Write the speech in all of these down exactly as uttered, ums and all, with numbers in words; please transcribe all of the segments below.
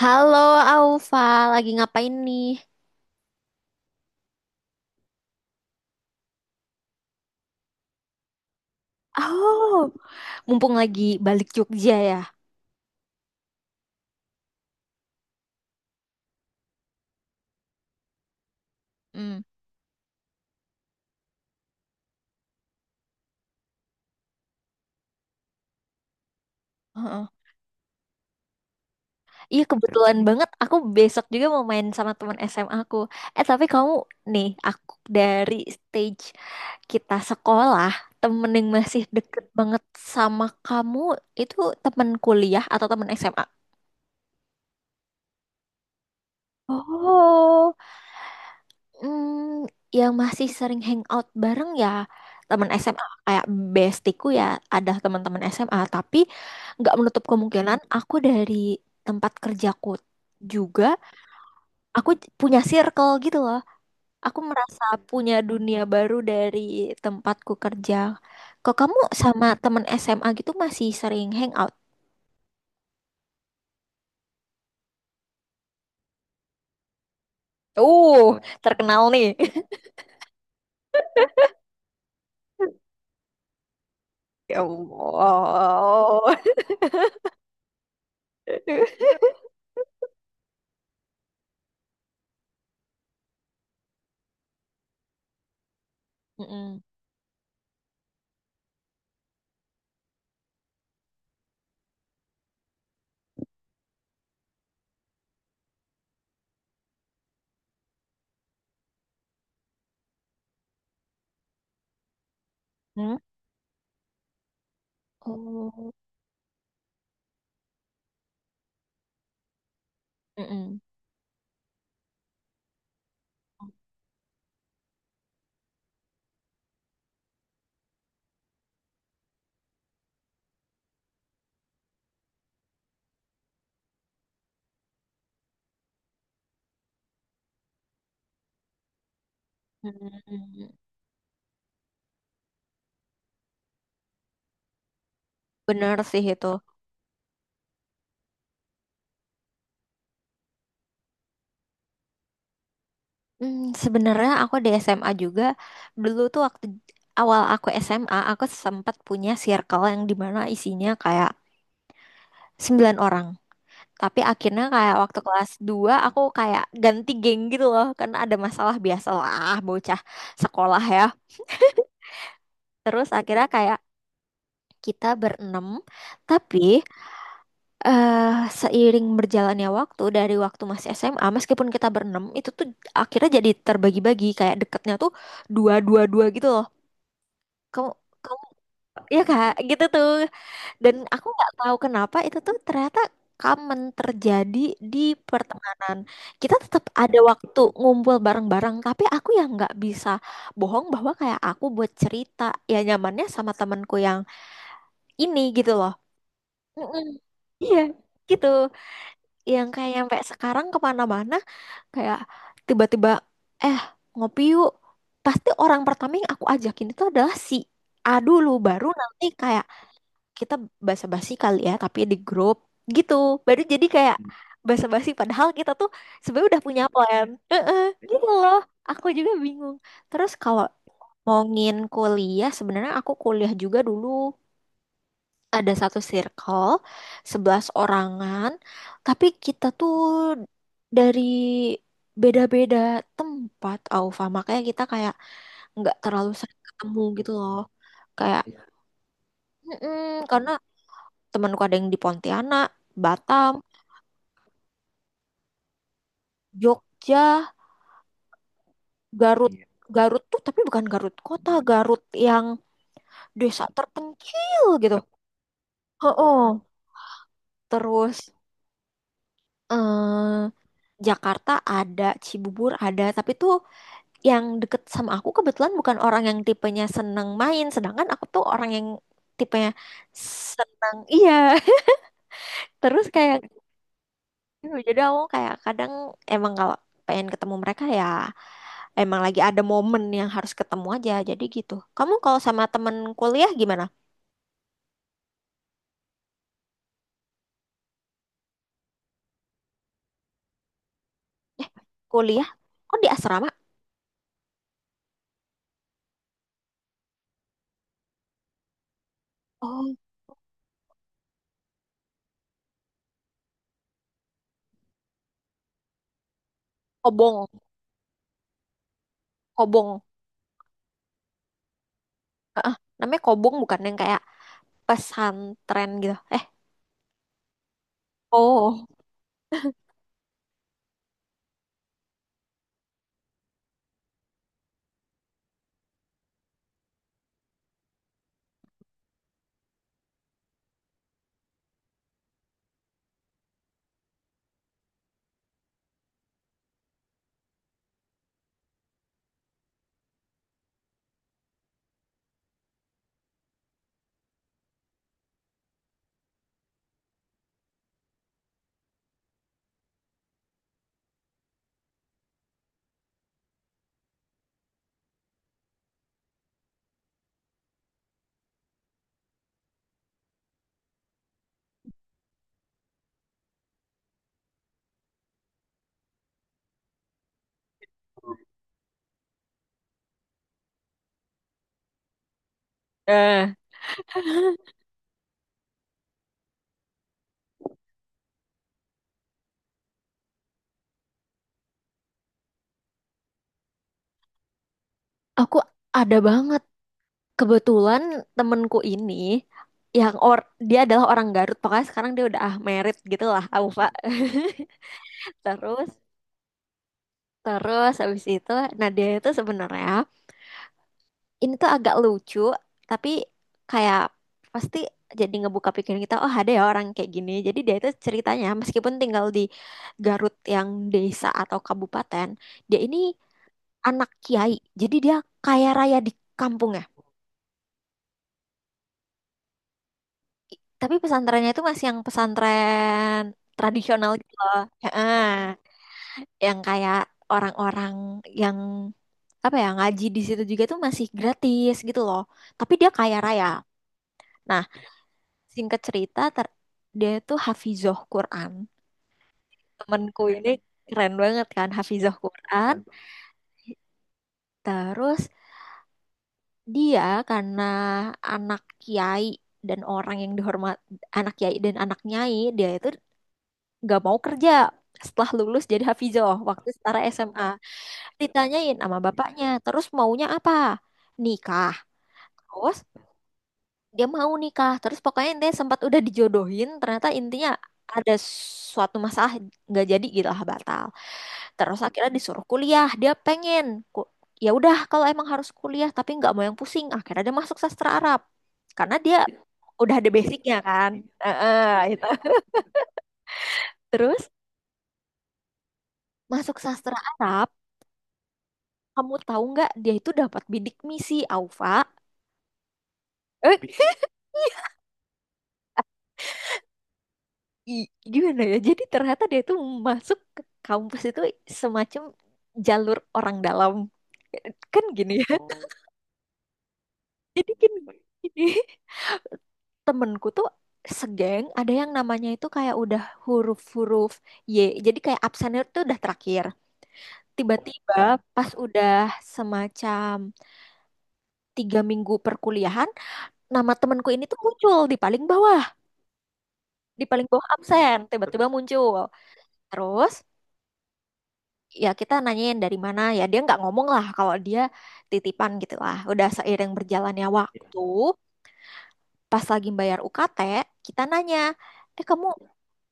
Halo Aufa, lagi ngapain nih? Oh, mumpung lagi balik Jogja ya. Hmm. Heeh. Iya, kebetulan banget, aku besok juga mau main sama teman S M A aku. Eh tapi kamu nih, aku dari stage kita sekolah, temen yang masih deket banget sama kamu itu temen kuliah atau temen S M A? Oh. Hmm, yang masih sering hangout bareng ya teman S M A, kayak bestiku ya, ada teman-teman S M A tapi nggak menutup kemungkinan aku dari tempat kerjaku juga aku j- punya circle gitu loh. Aku merasa punya dunia baru dari tempatku kerja. Kok kamu sama teman S M A gitu masih sering hangout? uh Terkenal nih. Ya Allah. Mm-mm. Hmm? Oh. Mm-mm. Hmm, Bener sih itu. Hmm, Sebenarnya aku di S M A juga, dulu tuh waktu awal aku S M A aku sempat punya circle yang dimana isinya kayak sembilan orang. Tapi akhirnya kayak waktu kelas dua, aku kayak ganti geng gitu loh karena ada masalah, biasalah bocah sekolah ya. Terus akhirnya kayak kita berenam, tapi eh seiring berjalannya waktu dari waktu masih S M A, meskipun kita berenam itu tuh akhirnya jadi terbagi-bagi, kayak deketnya tuh dua dua dua gitu loh, kamu kamu ya kak gitu tuh, dan aku nggak tahu kenapa itu tuh ternyata common terjadi di pertemanan. Kita tetap ada waktu ngumpul bareng-bareng tapi aku yang nggak bisa bohong bahwa kayak aku buat cerita ya nyamannya sama temanku yang ini gitu loh. Mm-mm. Iya, gitu, yang kayak nyampe sekarang kemana-mana kayak tiba-tiba, eh, ngopi yuk, pasti orang pertama yang aku ajakin itu adalah si A dulu, baru nanti kayak kita basa-basi kali ya tapi di grup gitu, baru jadi kayak basa-basi padahal kita tuh sebenarnya udah punya plan. Heeh, gitu loh. Aku juga bingung. Terus kalau ngomongin kuliah, sebenarnya aku kuliah juga dulu ada satu circle, sebelas orangan, tapi kita tuh dari beda-beda tempat, Aufa, makanya kita kayak nggak terlalu sering ketemu gitu loh. Kayak, iya. "Mm-mm," karena temanku ada yang di Pontianak, Batam, Jogja, Garut. Iya. Garut tuh tapi bukan Garut kota, Garut yang desa terpencil gitu. Oh, terus eh Jakarta ada, Cibubur ada, tapi tuh yang deket sama aku kebetulan bukan orang yang tipenya seneng main, sedangkan aku tuh orang yang tipenya seneng, iya. Terus kayak gitu. Jadi aku kayak kadang emang kalau pengen ketemu mereka ya emang lagi ada momen yang harus ketemu aja. Jadi gitu. Kamu kalau sama temen kuliah gimana? Eh, kuliah? Kok di asrama? Oh, kobong, kobong. Heeh, namanya kobong bukan yang kayak pesantren gitu. Eh, oh, eh, aku ada banget. Kebetulan temenku ini yang or dia adalah orang Garut, pokoknya sekarang dia udah ah merit gitu lah, aku pak. Terus terus habis itu, nah dia itu sebenarnya, ini tuh agak lucu, tapi kayak pasti jadi ngebuka pikiran kita, oh, ada ya orang kayak gini. Jadi dia itu ceritanya meskipun tinggal di Garut yang desa atau kabupaten, dia ini anak kiai. Jadi dia kaya raya di kampung. Tapi pesantrennya itu masih yang pesantren tradisional gitu loh. Heeh. Yang kayak orang-orang yang apa ya ngaji di situ juga tuh masih gratis gitu loh. Tapi dia kaya raya. Nah, singkat cerita, ter- dia tuh hafizoh Quran. Temenku ini keren banget kan hafizoh Quran. Terus dia karena anak kiai dan orang yang dihormat, anak kiai dan anak nyai, dia itu nggak mau kerja. Setelah lulus jadi Hafizoh waktu setara S M A, ditanyain sama bapaknya terus maunya apa. Nikah. Terus dia mau nikah, terus pokoknya dia sempat udah dijodohin, ternyata intinya ada suatu masalah, nggak jadi gitu lah, batal. Terus akhirnya disuruh kuliah, dia pengen ku- ya udah kalau emang harus kuliah tapi nggak mau yang pusing, akhirnya dia masuk sastra Arab karena dia udah ada basicnya kan. Heeh, itu terus masuk sastra Arab. Kamu tahu nggak dia itu dapat bidik misi, Alfa? Eh, i- gimana ya? Jadi ternyata dia itu masuk ke kampus itu semacam jalur orang dalam. Kan gini ya. Jadi kan gini. Temenku tuh segeng ada yang namanya itu kayak udah huruf-huruf ye. Jadi kayak absennya tuh udah terakhir. Tiba-tiba pas udah semacam tiga minggu perkuliahan, nama temenku ini tuh muncul di paling bawah. Di paling bawah absen, tiba-tiba muncul. Terus ya kita nanyain dari mana, ya dia nggak ngomong lah kalau dia titipan gitu lah. Udah seiring berjalannya, iya, waktu pas lagi bayar U K T, kita nanya, eh kamu,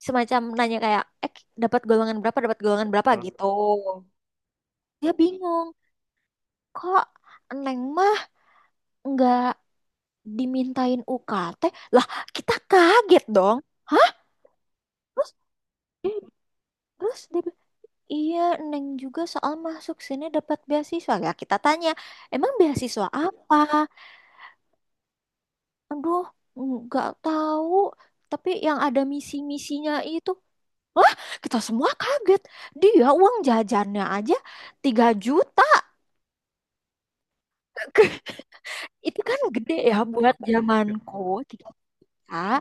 semacam nanya kayak, eh dapat golongan berapa, dapat golongan berapa gitu. Dia bingung, kok Neng mah nggak dimintain U K T, lah kita kaget dong. Hah? Terus, terus dia, iya, Neng juga soal masuk sini dapat beasiswa. Ya, kita tanya, emang beasiswa apa? Aduh, nggak tahu. Tapi yang ada misi-misinya itu. Wah, kita semua kaget. Dia uang jajannya aja tiga juta. Itu kan gede ya buat zamanku. Tiga juta. Hah?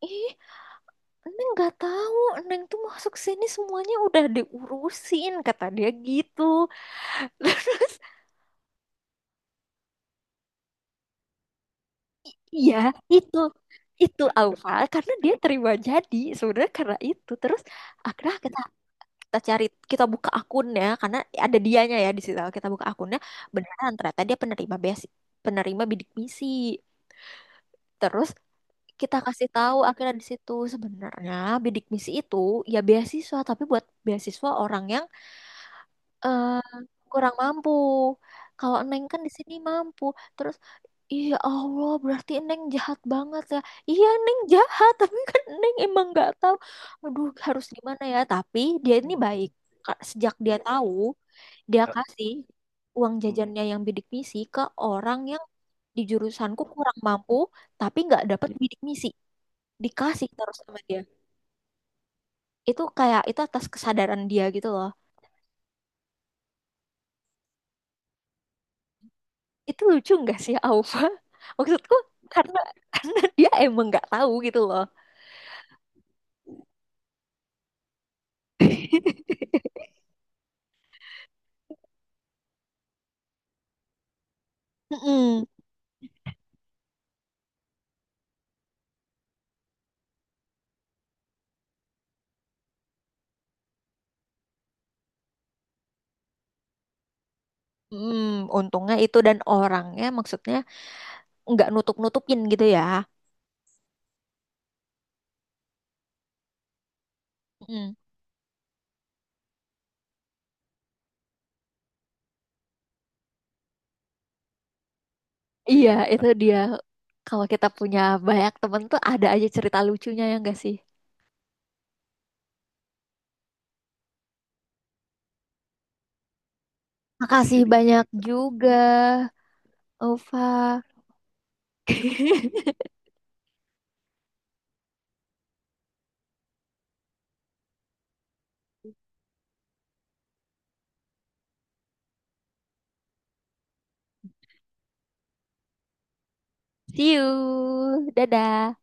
Ih, Neng nggak tahu. Neng tuh masuk sini semuanya udah diurusin, kata dia gitu. Iya, itu itu awal karena dia terima jadi, sebenarnya karena itu terus akhirnya kita kita cari, kita buka akunnya karena ada dianya ya di situ, kita buka akunnya beneran, ternyata dia penerima basic penerima bidik misi. Terus kita kasih tahu akhirnya di situ sebenarnya bidik misi itu ya beasiswa tapi buat beasiswa orang yang eh kurang mampu. Kalau Neng kan di sini mampu. Terus, iya Allah, berarti Neng jahat banget ya. Iya, Neng jahat, tapi kan Neng emang nggak tahu. Aduh, harus gimana ya? Tapi dia ini baik. Ka- Sejak dia tahu, dia Eh, kasih uang, mm, jajannya yang bidik misi ke orang yang di jurusanku kurang mampu, tapi nggak dapet bidik misi. Dikasih terus sama dia. Itu kayak itu atas kesadaran dia gitu loh. Itu lucu nggak sih, Alfa? Maksudku karena karena dia emang nggak tahu gitu loh. Mm-mm. Mm, untungnya itu, dan orangnya maksudnya nggak nutup-nutupin gitu ya. Mm. Iya, itu dia. Kalau kita punya banyak temen tuh ada aja cerita lucunya ya nggak sih? Makasih banyak juga, Ova. See you, dadah.